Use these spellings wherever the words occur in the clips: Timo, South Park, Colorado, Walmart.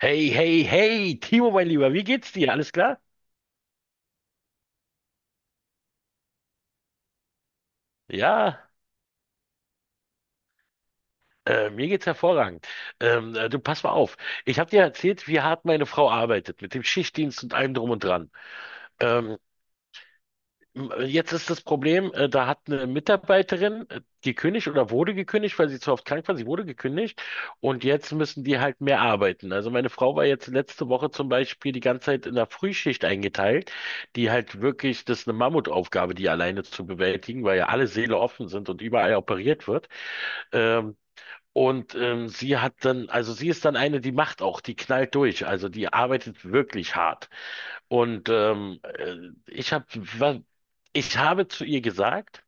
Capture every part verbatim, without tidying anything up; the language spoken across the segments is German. Hey, hey, hey, Timo, mein Lieber, wie geht's dir? Alles klar? Ja, äh, mir geht's hervorragend. Ähm, äh, du, pass mal auf. Ich habe dir erzählt, wie hart meine Frau arbeitet, mit dem Schichtdienst und allem drum und dran. Ähm, Jetzt ist das Problem, äh, da hat eine Mitarbeiterin äh, gekündigt oder wurde gekündigt, weil sie zu oft krank war. Sie wurde gekündigt und jetzt müssen die halt mehr arbeiten. Also meine Frau war jetzt letzte Woche zum Beispiel die ganze Zeit in der Frühschicht eingeteilt, die halt wirklich, das ist eine Mammutaufgabe, die alleine zu bewältigen, weil ja alle Säle offen sind und überall operiert wird. Ähm, Und ähm, sie hat dann, also sie ist dann eine, die macht auch, die knallt durch, also die arbeitet wirklich hart. Und ähm, äh, ich hab, wa- ich habe zu ihr gesagt,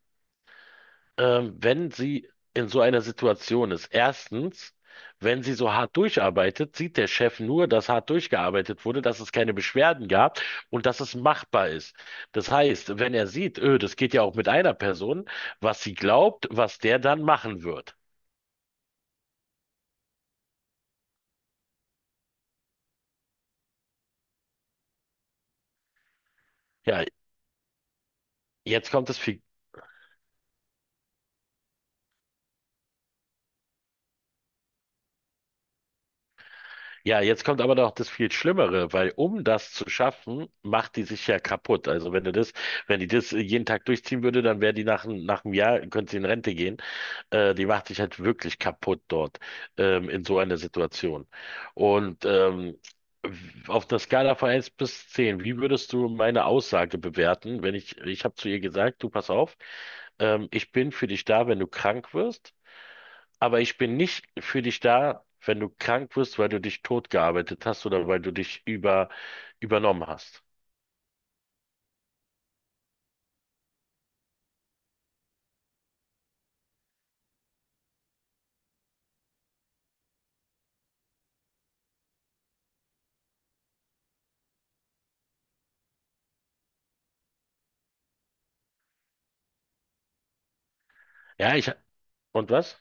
ähm, wenn sie in so einer Situation ist, erstens, wenn sie so hart durcharbeitet, sieht der Chef nur, dass hart durchgearbeitet wurde, dass es keine Beschwerden gab und dass es machbar ist. Das heißt, wenn er sieht, öh, das geht ja auch mit einer Person, was sie glaubt, was der dann machen wird. Ja, jetzt kommt das Ja, jetzt kommt aber noch das viel Schlimmere, weil um das zu schaffen, macht die sich ja kaputt. Also wenn du das, wenn die das jeden Tag durchziehen würde, dann wäre die nach, ein- nach einem Jahr, könnte sie in Rente gehen. Äh, die macht sich halt wirklich kaputt dort, ähm, in so einer Situation. Und ähm, auf einer Skala von eins bis zehn, wie würdest du meine Aussage bewerten, wenn ich, ich habe zu ihr gesagt, du pass auf, ähm, ich bin für dich da, wenn du krank wirst. Aber ich bin nicht für dich da, wenn du krank wirst, weil du dich totgearbeitet hast oder weil du dich über, übernommen hast. Ja, ich, und was?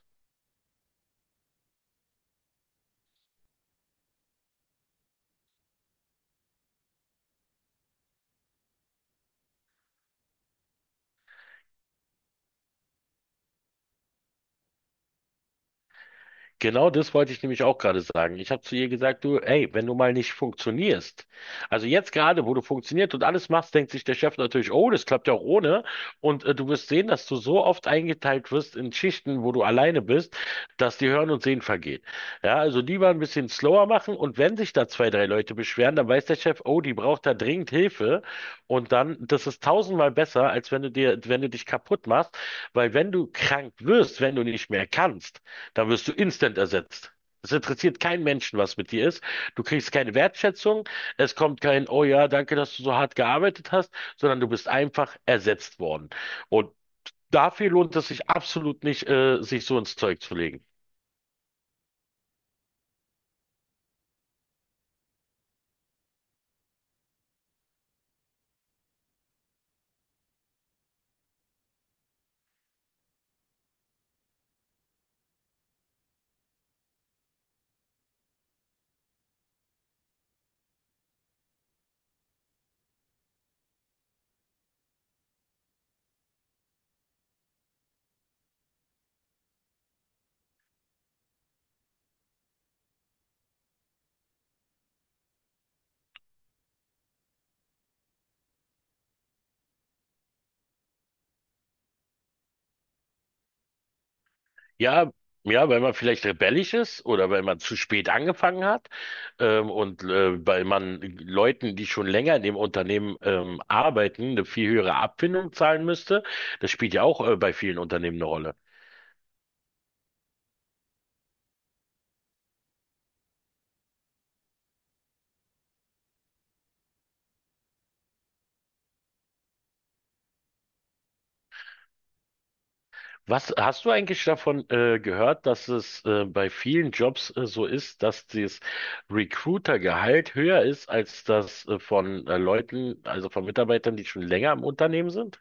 Genau das wollte ich nämlich auch gerade sagen. Ich habe zu ihr gesagt, du, ey, wenn du mal nicht funktionierst, also jetzt gerade, wo du funktioniert und alles machst, denkt sich der Chef natürlich, oh, das klappt ja auch ohne. Und äh, du wirst sehen, dass du so oft eingeteilt wirst in Schichten, wo du alleine bist, dass dir Hören und Sehen vergeht. Ja, also lieber ein bisschen slower machen und wenn sich da zwei, drei Leute beschweren, dann weiß der Chef, oh, die braucht da dringend Hilfe. Und dann, das ist tausendmal besser, als wenn du dir, wenn du dich kaputt machst, weil wenn du krank wirst, wenn du nicht mehr kannst, da wirst du instant ersetzt. Es interessiert keinen Menschen, was mit dir ist. Du kriegst keine Wertschätzung. Es kommt kein, oh ja, danke, dass du so hart gearbeitet hast, sondern du bist einfach ersetzt worden. Und dafür lohnt es sich absolut nicht, äh, sich so ins Zeug zu legen. Ja, ja, weil man vielleicht rebellisch ist oder weil man zu spät angefangen hat, ähm, und äh, weil man Leuten, die schon länger in dem Unternehmen ähm, arbeiten, eine viel höhere Abfindung zahlen müsste. Das spielt ja auch äh, bei vielen Unternehmen eine Rolle. Was hast du eigentlich davon äh, gehört, dass es äh, bei vielen Jobs äh, so ist, dass das Recruiter-Gehalt höher ist als das äh, von äh, Leuten, also von Mitarbeitern, die schon länger im Unternehmen sind?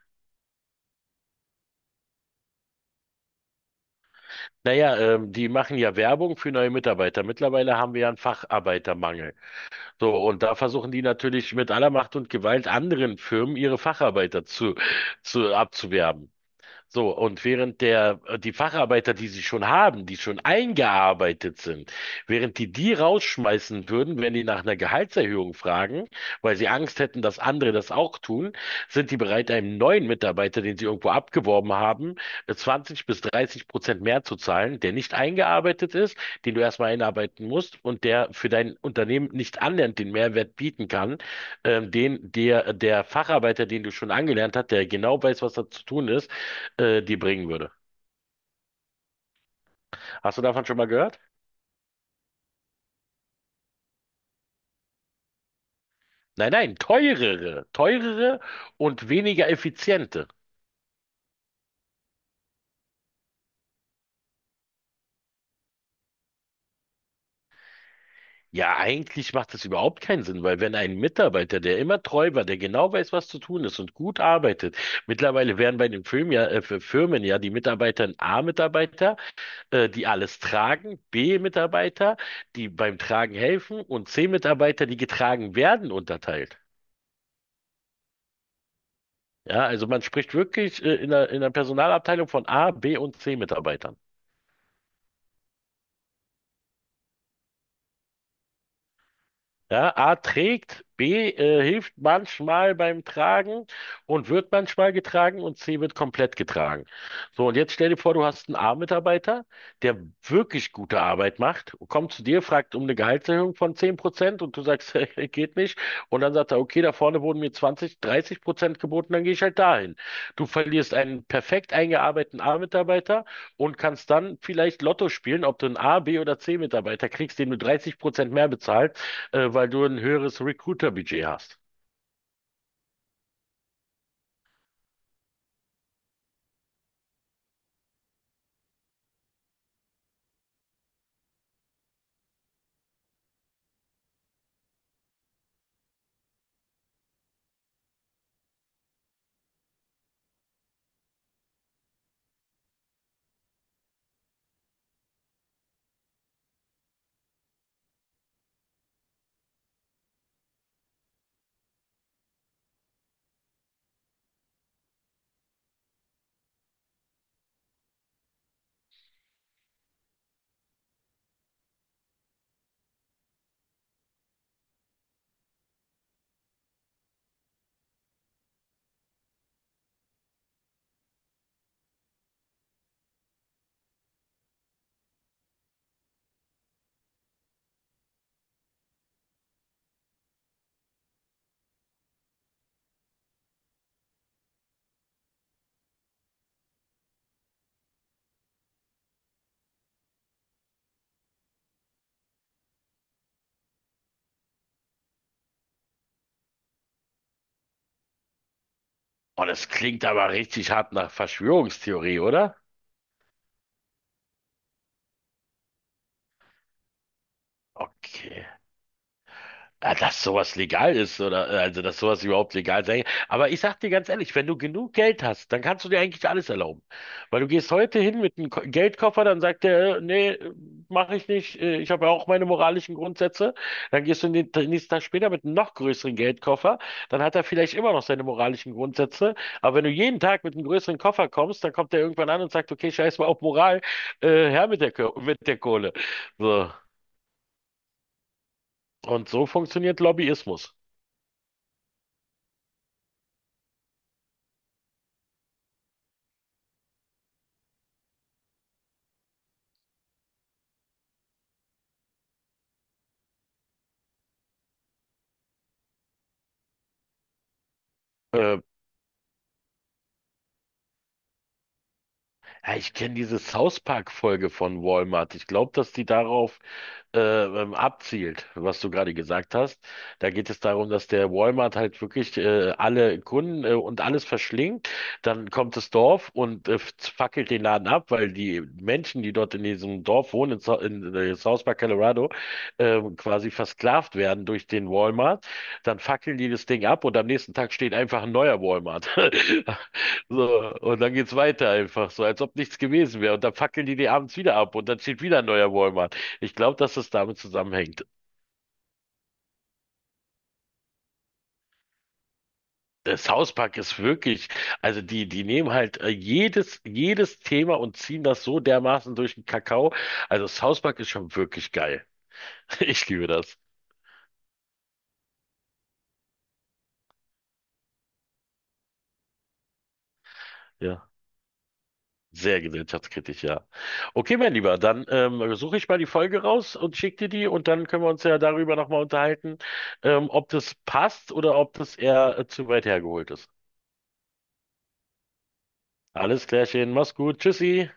Naja, ähm, die machen ja Werbung für neue Mitarbeiter. Mittlerweile haben wir ja einen Facharbeitermangel. So, und da versuchen die natürlich mit aller Macht und Gewalt anderen Firmen ihre Facharbeiter zu, zu abzuwerben. So, und während der, äh, die Facharbeiter, die sie schon haben, die schon eingearbeitet sind, während die die rausschmeißen würden, wenn die nach einer Gehaltserhöhung fragen, weil sie Angst hätten, dass andere das auch tun, sind die bereit, einem neuen Mitarbeiter, den sie irgendwo abgeworben haben, zwanzig bis dreißig Prozent mehr zu zahlen, der nicht eingearbeitet ist, den du erstmal einarbeiten musst und der für dein Unternehmen nicht annähernd den Mehrwert bieten kann, ähm, den der, der Facharbeiter, den du schon angelernt hast, der genau weiß, was da zu tun ist, äh, dir bringen würde. Hast du davon schon mal gehört? Nein, nein, teurere, teurere und weniger effiziente. Ja, eigentlich macht das überhaupt keinen Sinn, weil wenn ein Mitarbeiter, der immer treu war, der genau weiß, was zu tun ist und gut arbeitet, mittlerweile werden bei den Firmen ja, äh, für Firmen ja die Mitarbeiter ein A-Mitarbeiter, äh, die alles tragen, B-Mitarbeiter, die beim Tragen helfen und C-Mitarbeiter, die getragen werden, unterteilt. Ja, also man spricht wirklich, äh, in der, in der Personalabteilung von A, B und C-Mitarbeitern. Ja, A trägt, B äh, hilft manchmal beim Tragen und wird manchmal getragen und C wird komplett getragen. So, und jetzt stell dir vor, du hast einen A-Mitarbeiter, der wirklich gute Arbeit macht, kommt zu dir, fragt um eine Gehaltserhöhung von zehn Prozent und du sagst, hey, geht nicht. Und dann sagt er, okay, da vorne wurden mir zwanzig, dreißig Prozent geboten, dann gehe ich halt dahin. Du verlierst einen perfekt eingearbeiteten A-Mitarbeiter und kannst dann vielleicht Lotto spielen, ob du einen A, B oder C-Mitarbeiter kriegst, den du dreißig Prozent mehr bezahlst äh, weil du ein höheres Recruiter-Budget hast. Oh, das klingt aber richtig hart nach Verschwörungstheorie, oder? Okay. Ja, dass sowas legal ist oder äh, also dass sowas überhaupt legal sein kann. Aber ich sag dir ganz ehrlich, wenn du genug Geld hast, dann kannst du dir eigentlich alles erlauben. Weil du gehst heute hin mit einem Ko- Geldkoffer, dann sagt der, äh, nee, mache ich nicht, äh, ich habe ja auch meine moralischen Grundsätze. Dann gehst du den t- nächsten Tag später mit einem noch größeren Geldkoffer, dann hat er vielleicht immer noch seine moralischen Grundsätze. Aber wenn du jeden Tag mit einem größeren Koffer kommst, dann kommt er irgendwann an und sagt, okay, scheiß mal auf Moral, äh, her mit der, Ko- mit der Kohle. So. Und so funktioniert Lobbyismus. Äh, Ja, ich kenne diese South Park-Folge von Walmart. Ich glaube, dass die darauf äh, ähm, abzielt, was du gerade gesagt hast. Da geht es darum, dass der Walmart halt wirklich äh, alle Kunden äh, und alles verschlingt. Dann kommt das Dorf und äh, fackelt den Laden ab, weil die Menschen, die dort in diesem Dorf wohnen, in, Sa- in äh, South Park, Colorado, äh, quasi versklavt werden durch den Walmart. Dann fackeln die das Ding ab und am nächsten Tag steht einfach ein neuer Walmart. So, und dann geht's weiter einfach, so als ob nichts gewesen wäre. Und dann fackeln die die abends wieder ab und dann steht wieder ein neuer Walmart. Ich glaube, dass es damit zusammenhängt. Der South Park ist wirklich, also die, die nehmen halt äh, jedes, jedes Thema und ziehen das so dermaßen durch den Kakao. Also South Park ist schon wirklich geil. Ich liebe das. Ja. Sehr gesellschaftskritisch, ja. Okay, mein Lieber, dann ähm, suche ich mal die Folge raus und schicke dir die und dann können wir uns ja darüber nochmal unterhalten, ähm, ob das passt oder ob das eher äh, zu weit hergeholt ist. Alles klärchen, mach's gut, tschüssi.